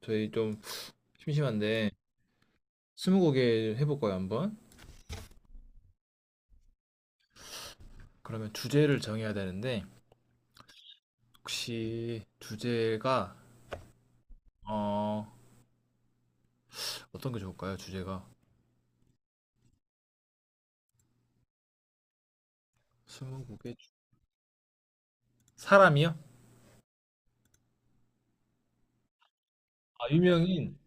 저희 좀 심심한데 스무고개 해볼까요, 한번? 그러면 주제를 정해야 되는데 혹시 주제가 어 어떤 게 좋을까요? 주제가 스무고개 주- 사람이요? 아 유명인.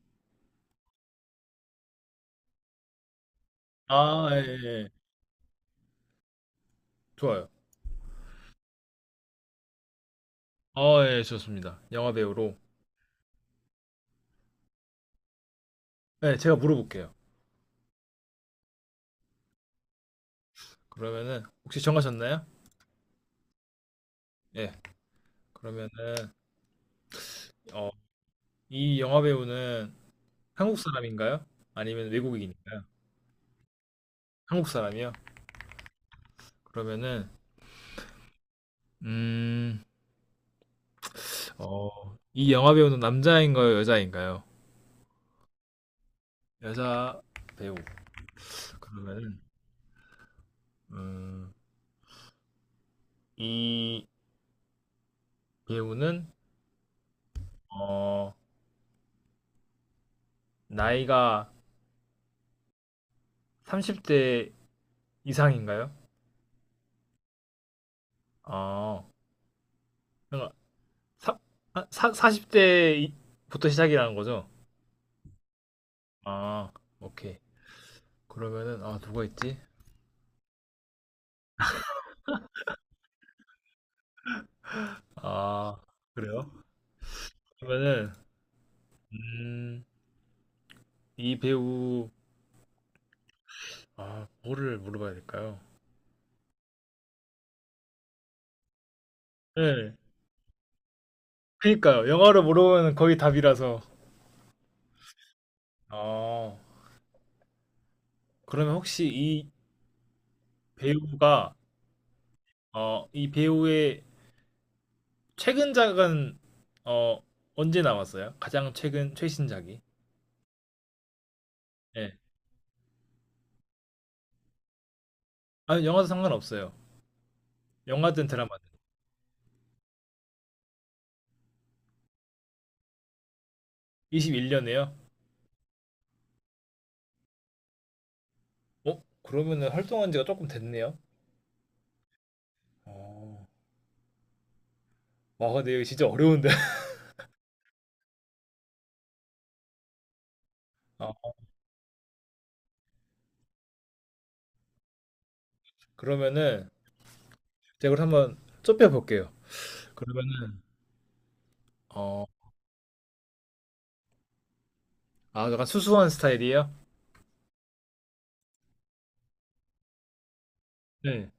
아 예, 예. 예. 좋아요. 아 예 좋습니다. 영화 배우로. 네, 제가 물어볼게요. 그러면은 혹시 정하셨나요? 예. 그러면은 어, 이 영화 배우는 한국 사람인가요? 아니면 외국인인가요? 한국 사람이요? 그러면은 음 어, 이 영화 배우는 남자인가요, 여자인가요? 여자 배우. 그러면은 음, 이 배우는 어, 나이가 30대 이상인가요? 어, 그러니까 사, 40대부터 시작이라는 거죠? 아, 오케이. 그러면은 아, 누가 있지? 아, 그래요? 그러면은 음, 이 배우. 아, 뭐를 물어봐야 될까요? 네. 그니까요. 영화로 물어보면 거의 답이라서. 어, 그러면 혹시 배우가, 이 배우의 최근작은, 어, 언제 나왔어요? 가장 최근, 최신작이. 예. 아니, 영화도 상관없어요. 영화든 드라마든. 2 1년에요? 어? 그러면은 활동한 지가 조금 됐네요. 어. 와, 근데 이거 진짜 어려운데. 어, 그러면은, 제가 이걸 한번 좁혀볼게요. 그러면은, 어, 아, 약간 수수한 스타일이에요? 네.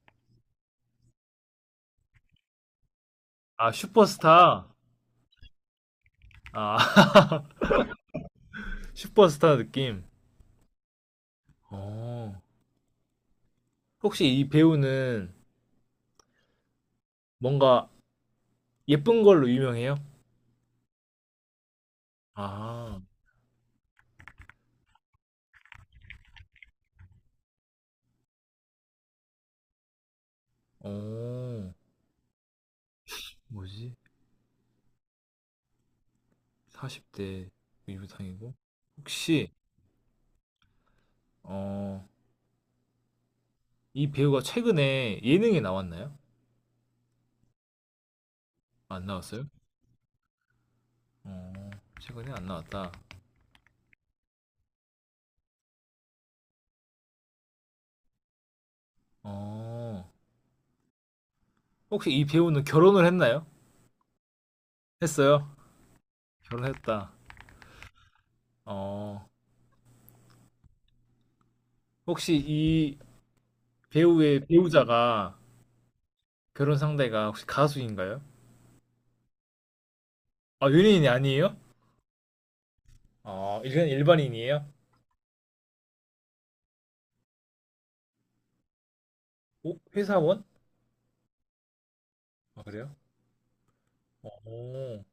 아, 슈퍼스타. 아, 슈퍼스타 느낌. 어. 혹시 이 배우는 뭔가 예쁜 걸로 유명해요? 아, 어, 뭐지? 40대 유부상이고. 혹시, 어, 이 배우가 최근에 예능에 나왔나요? 안 나왔어요? 어, 최근에 안 나왔다. 어, 혹시 이 배우는 결혼을 했나요? 했어요? 결혼했다. 어, 혹시 이 배우의 배우자가 결혼 상대가 혹시 가수인가요? 아, 연예인이 아니에요? 아, 일반, 일반인이에요? 어, 회사원? 아, 그래요? 오,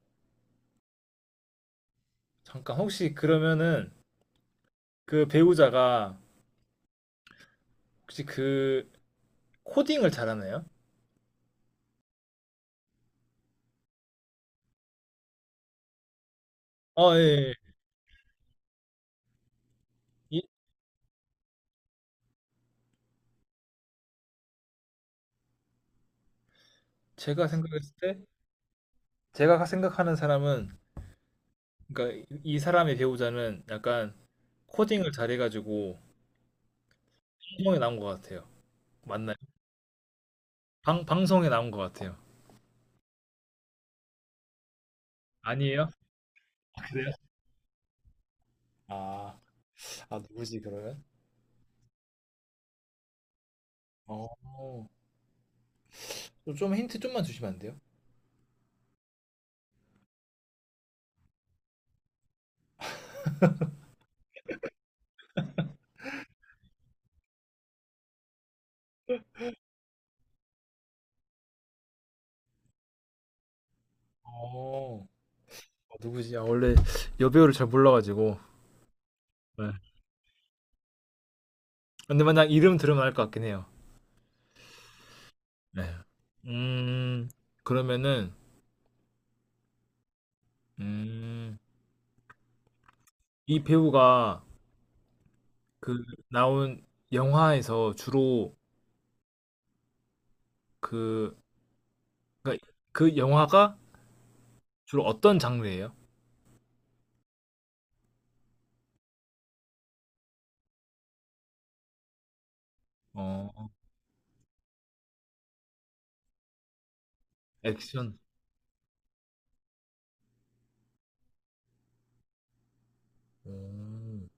잠깐 혹시 그러면은 그 배우자가 혹시 그 코딩을 잘하나요? 아, 예. 예. 이, 제가 생각했을 때 제가 생각하는 사람은 그러니까 이 사람의 배우자는 약간 코딩을 잘해가지고 방송에 나온 것 같아요. 맞나요? 방, 방송에 나온 것 같아요. 아니에요? 아, 그래요? 아, 아 누구지 그러면? 어, 좀 힌트 좀만 주시면 안 돼요? 어, 누구지? 아, 원래 여배우를 잘 몰라가지고. 네. 근데 만약 이름 들으면 알 것 같긴 해요. 네. 음, 그러면은, 음, 이 배우가 그 나온 영화에서 주로 그, 그러니까 그 영화가 주로 어떤 장르예요? 어, 액션. 음.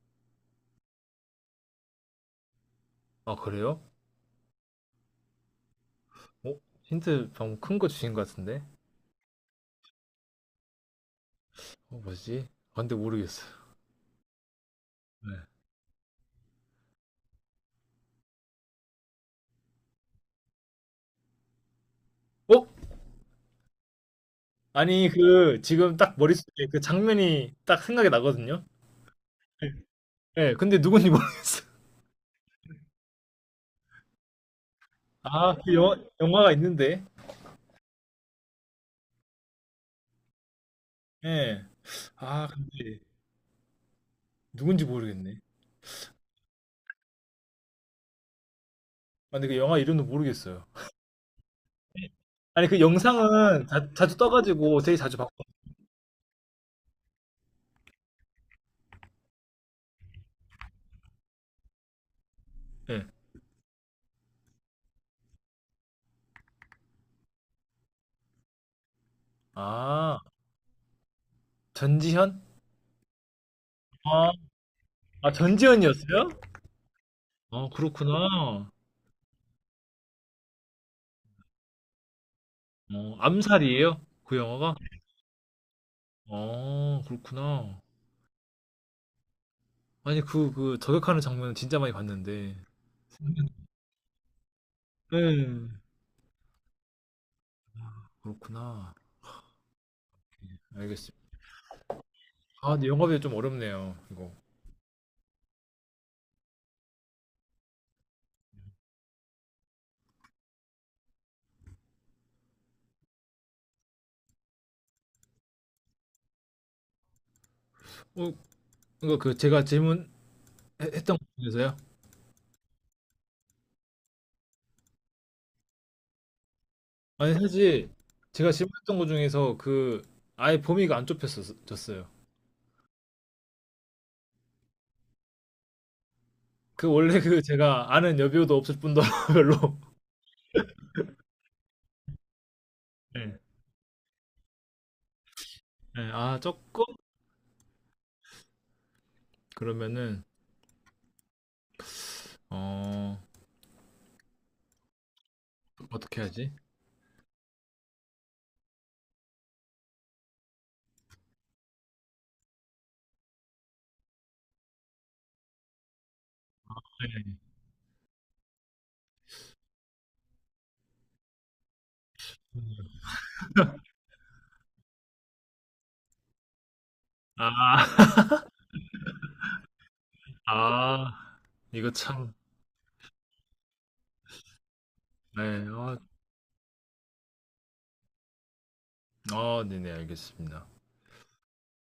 아, 그래요? 어? 힌트 방금 큰 거 주신 것 같은데? 어, 뭐지? 아, 근데 모르겠어요. 네. 어? 아니, 그, 지금 딱 머릿속에 그 장면이 딱 생각이 나거든요? 네, 근데 누군지 모르겠어요. 아, 그 영화, 영화가 있는데. 예. 아 근데 누군지 모르겠네. 아 근데 그 영화 이름도 모르겠어요. 아니 그 영상은 자, 자주 떠가지고 되게 자주 봤고. 예. 아 전지현? 아, 아 전지현이었어요? 아 그렇구나. 어 암살이에요? 그 영화가? 아 그렇구나. 아니 그 그 저격하는 장면은 진짜 많이 봤는데. 음. 그렇구나. 알겠습니다. 아 근데 영화비가 좀 어렵네요. 이거. 어, 이거 그 제가 질문했던 것에서요. 아니 사실 제가 질문했던 것 중에서 그 아예 범위가 안 좁혔었어요. 그 원래 그 제가 아는 여배우도 없을 뿐더러 별로. 네. 네. 아 조금. 그러면은 어 어떻게 하지? 네. 아, 아 이거 참. 네. 아, 아 네네 알겠습니다.